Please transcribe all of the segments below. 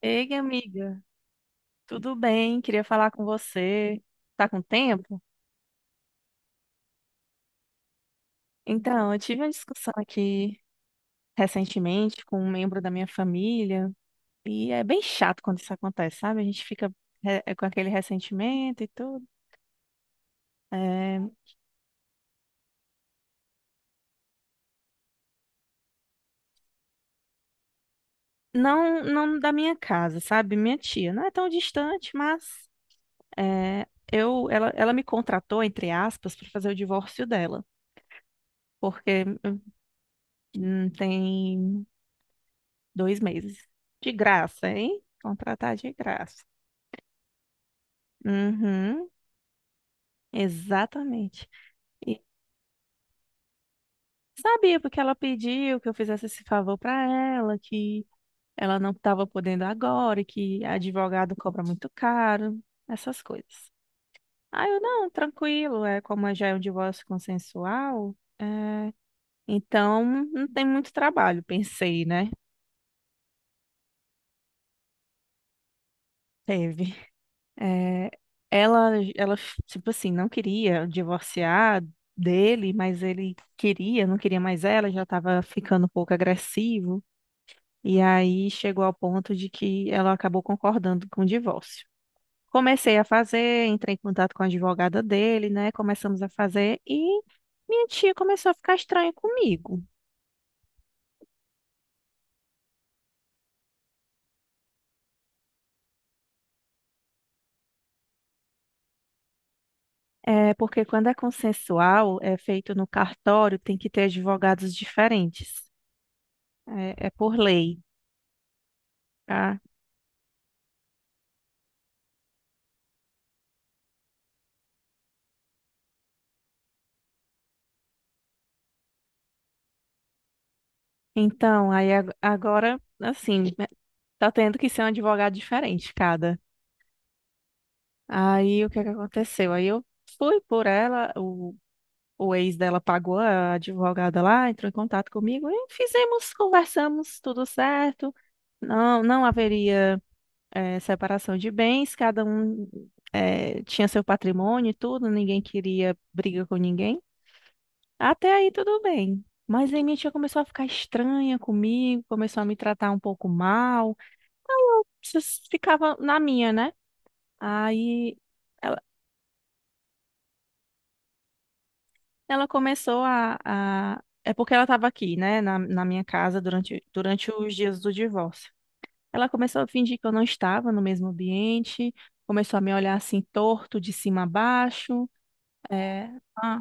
Ei, amiga, tudo bem? Queria falar com você. Tá com tempo? Então, eu tive uma discussão aqui recentemente com um membro da minha família e é bem chato quando isso acontece, sabe? A gente fica com aquele ressentimento e tudo. É, não, não da minha casa, sabe? Minha tia não é tão distante, mas é, ela me contratou, entre aspas, para fazer o divórcio dela. Porque tem 2 meses. De graça, hein? Contratar de graça. Uhum, exatamente. E sabia porque ela pediu que eu fizesse esse favor para ela, que ela não estava podendo agora, e que advogado cobra muito caro, essas coisas. Aí eu, não, tranquilo, é como já é um divórcio consensual, então não tem muito trabalho, pensei, né? Teve. É, ela, Ela, tipo assim, não queria divorciar dele, mas ele queria, não queria mais ela, já estava ficando um pouco agressivo. E aí chegou ao ponto de que ela acabou concordando com o divórcio. Comecei a fazer, entrei em contato com a advogada dele, né? Começamos a fazer e minha tia começou a ficar estranha comigo. É porque quando é consensual, é feito no cartório, tem que ter advogados diferentes. É, por lei. Ah, então, aí agora, assim, né, tá tendo que ser um advogado diferente, cada. Aí o que é que aconteceu? Aí eu fui por ela, o ex dela pagou a advogada lá, entrou em contato comigo e fizemos, conversamos, tudo certo. Não, não haveria separação de bens, cada um tinha seu patrimônio e tudo, ninguém queria briga com ninguém. Até aí tudo bem. Mas aí minha tia começou a ficar estranha comigo, começou a me tratar um pouco mal. Ficava na minha, né? Aí ela, ela começou a. É porque ela estava aqui, né? Na minha casa durante os dias do divórcio. Ela começou a fingir que eu não estava no mesmo ambiente, começou a me olhar assim torto, de cima a baixo. É, ah,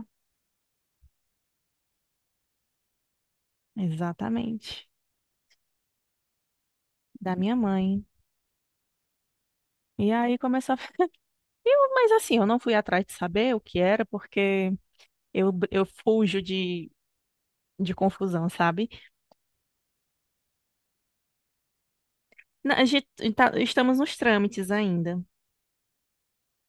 exatamente, da minha mãe. E aí começou a. Eu, mas assim, eu não fui atrás de saber o que era, porque eu fujo de confusão, sabe? Não, a gente estamos nos trâmites ainda.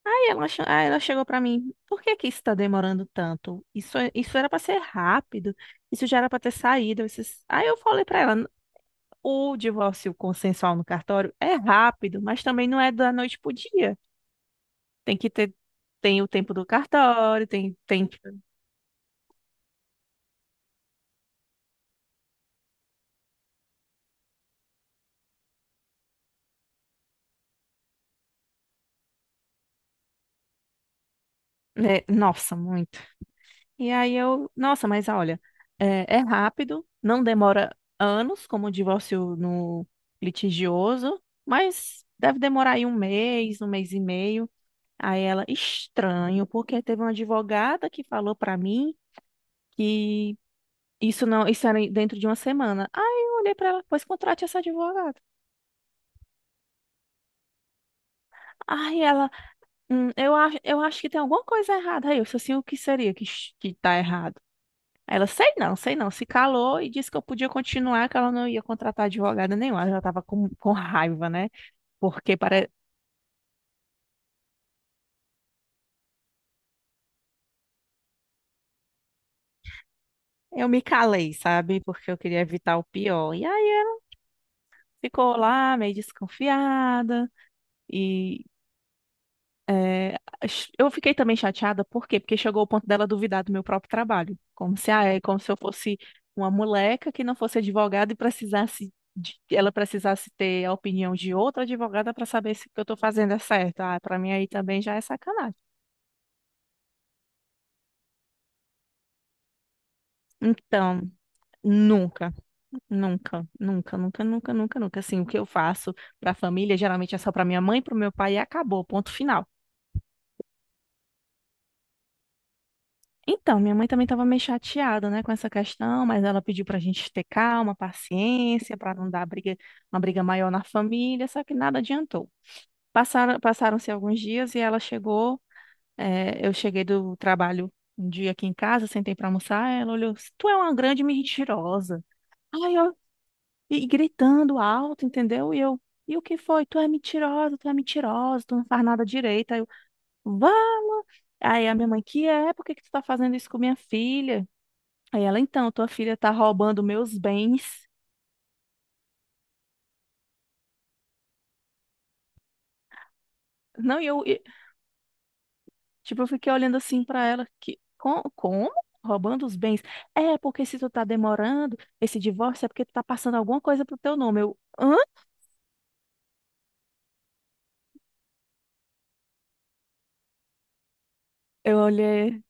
Aí ela chegou pra mim, por que que isso tá demorando tanto? Isso, isso era pra ser rápido, isso já era pra ter saído. Esses... Aí eu falei pra ela, o divórcio consensual no cartório é rápido, mas também não é da noite pro dia. Tem que ter, tem o tempo do cartório, tem, né? Nossa, muito. E aí eu, nossa, mas olha, é rápido, não demora anos, como o divórcio no litigioso, mas deve demorar aí um mês e meio. Aí ela, estranho, porque teve uma advogada que falou pra mim que isso não, isso era dentro de uma semana. Aí eu olhei pra ela, pois contrate essa advogada. Aí ela, eu acho que tem alguma coisa errada." Aí eu, assim, o que seria que tá errado? Aí ela, sei não, se calou e disse que eu podia continuar, que ela não ia contratar advogada nenhuma. Ela já estava com raiva, né? Porque para... eu me calei, sabe? Porque eu queria evitar o pior. E aí ela ficou lá meio desconfiada e É, eu fiquei também chateada, por quê? Porque chegou o ponto dela duvidar do meu próprio trabalho. Como se, ah, é como se eu fosse uma moleca que não fosse advogada e ela precisasse ter a opinião de outra advogada para saber se o que eu estou fazendo é certo. Ah, para mim aí também já é sacanagem. Então, nunca, nunca, nunca, nunca, nunca, nunca, nunca. Assim, o que eu faço para a família geralmente é só para minha mãe, para o meu pai e acabou, ponto final. Então, minha mãe também estava meio chateada, né, com essa questão, mas ela pediu para a gente ter calma, paciência, para não dar briga, uma briga maior na família, só que nada adiantou. Passaram, passaram-se alguns dias e eu cheguei do trabalho um dia aqui em casa, sentei para almoçar, ela olhou, tu é uma grande mentirosa. Ai, eu, e gritando alto, entendeu? E eu, e o que foi? Tu é mentirosa, tu é mentirosa, tu não faz nada direito. Aí eu, vá! Aí a minha mãe, que é? Por que que tu tá fazendo isso com minha filha? Aí ela, então, tua filha tá roubando meus bens. Não, e eu, e- tipo, eu fiquei olhando assim pra ela, que, Como? Roubando os bens? É, porque se tu tá demorando esse divórcio é porque tu tá passando alguma coisa pro teu nome." Eu, hã? Eu olhei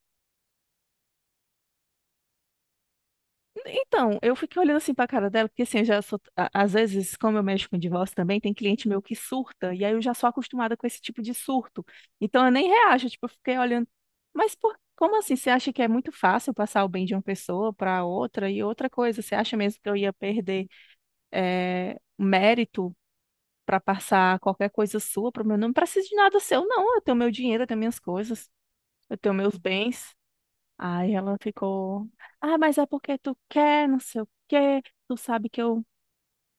Então, eu fiquei olhando assim pra cara dela, porque assim, eu já sou, às vezes, como eu mexo com divórcio também, tem cliente meu que surta, e aí eu já sou acostumada com esse tipo de surto. Então eu nem reajo, tipo, eu fiquei olhando, mas por, como assim? Você acha que é muito fácil passar o bem de uma pessoa pra outra e outra coisa? Você acha mesmo que eu ia perder mérito pra passar qualquer coisa sua pro meu nome? Não preciso de nada seu, não. Eu tenho meu dinheiro, eu tenho minhas coisas, eu tenho meus bens. Aí ela ficou, ah, mas é porque tu quer, não sei o quê, tu sabe que eu,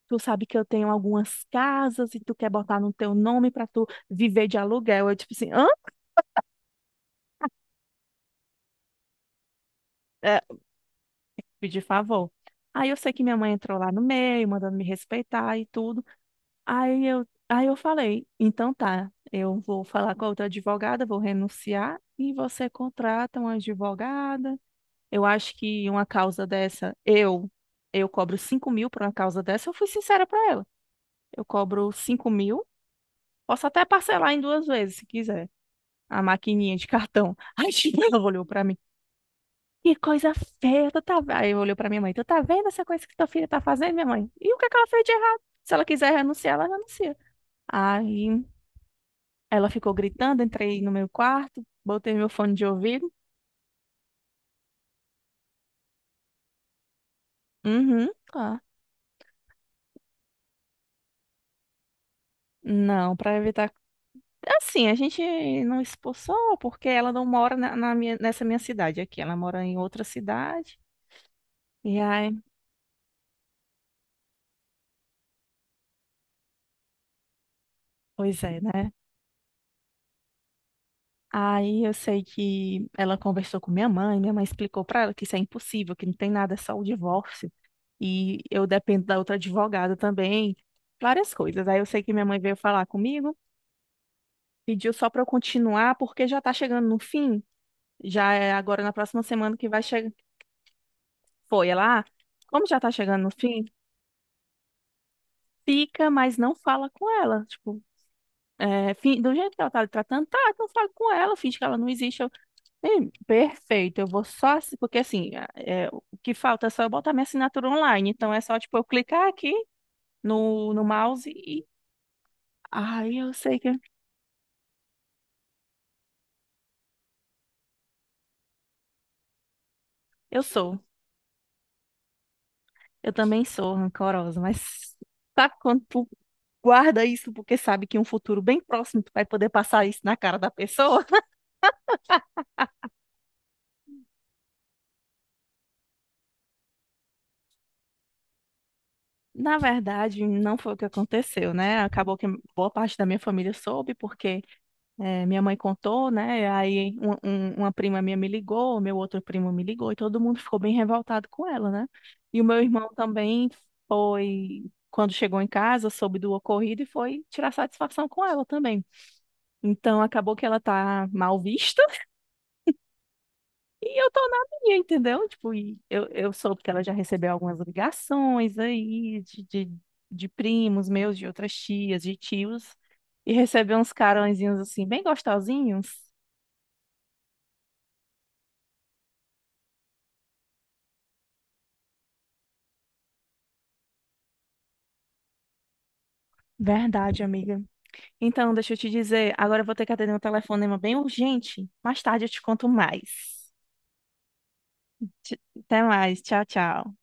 tu sabe que eu tenho algumas casas e tu quer botar no teu nome pra tu viver de aluguel. Eu tipo assim, hã? É, pedi favor. Aí eu sei que minha mãe entrou lá no meio, mandando me respeitar e tudo. Aí eu falei, então tá, eu vou falar com a outra advogada, vou renunciar e você contrata uma advogada. Eu acho que uma causa dessa, eu cobro 5.000 por uma causa dessa, eu fui sincera pra ela. Eu cobro 5 mil. Posso até parcelar em duas vezes, se quiser. A maquininha de cartão. Aí, tipo, ela olhou pra mim. "Que coisa feia, tu tá... ve-" Aí olhou Olhei pra minha mãe. "Tu tá vendo essa coisa que tua filha tá fazendo, minha mãe?" "E o que é que ela fez de errado? Se ela quiser renunciar, ela renuncia." Aí ela ficou gritando, entrei no meu quarto, botei meu fone de ouvido. Uhum, tá. Não, pra evitar... Assim, a gente não expulsou porque ela não mora na minha, nessa minha cidade aqui. Ela mora em outra cidade. E aí, pois é, né? Aí eu sei que ela conversou com minha mãe explicou para ela que isso é impossível, que não tem nada, é só o divórcio. E eu dependo da outra advogada também, várias coisas. Aí eu sei que minha mãe veio falar comigo, pediu só para eu continuar, porque já tá chegando no fim, já é agora na próxima semana que vai chegar. Foi ela, ah, como já tá chegando no fim, fica, mas não fala com ela. Tipo, é, do jeito que ela tá lhe tratando, tá, então fala com ela, finge que ela não existe. Sim, perfeito, eu vou só, porque assim, é, o que falta é só eu botar minha assinatura online, então é só, tipo, eu clicar aqui no mouse e, ai, eu sei que, eu sou, eu também sou rancorosa, mas sabe quando tu guarda isso porque sabe que em um futuro bem próximo tu vai poder passar isso na cara da pessoa? Na verdade, não foi o que aconteceu, né, acabou que boa parte da minha família soube, porque é, minha mãe contou, né? Aí uma prima minha me ligou, meu outro primo me ligou, e todo mundo ficou bem revoltado com ela, né? E o meu irmão também foi, quando chegou em casa, soube do ocorrido e foi tirar satisfação com ela também. Então acabou que ela tá mal vista e eu tô na minha, entendeu? Tipo, e eu soube que ela já recebeu algumas ligações aí de primos meus, de outras tias, de tios, e recebeu uns carõezinhos assim, bem gostosinhos. Verdade, amiga. Então, deixa eu te dizer, agora eu vou ter que atender um telefonema bem urgente. Mais tarde eu te conto mais. Até mais. Tchau, tchau.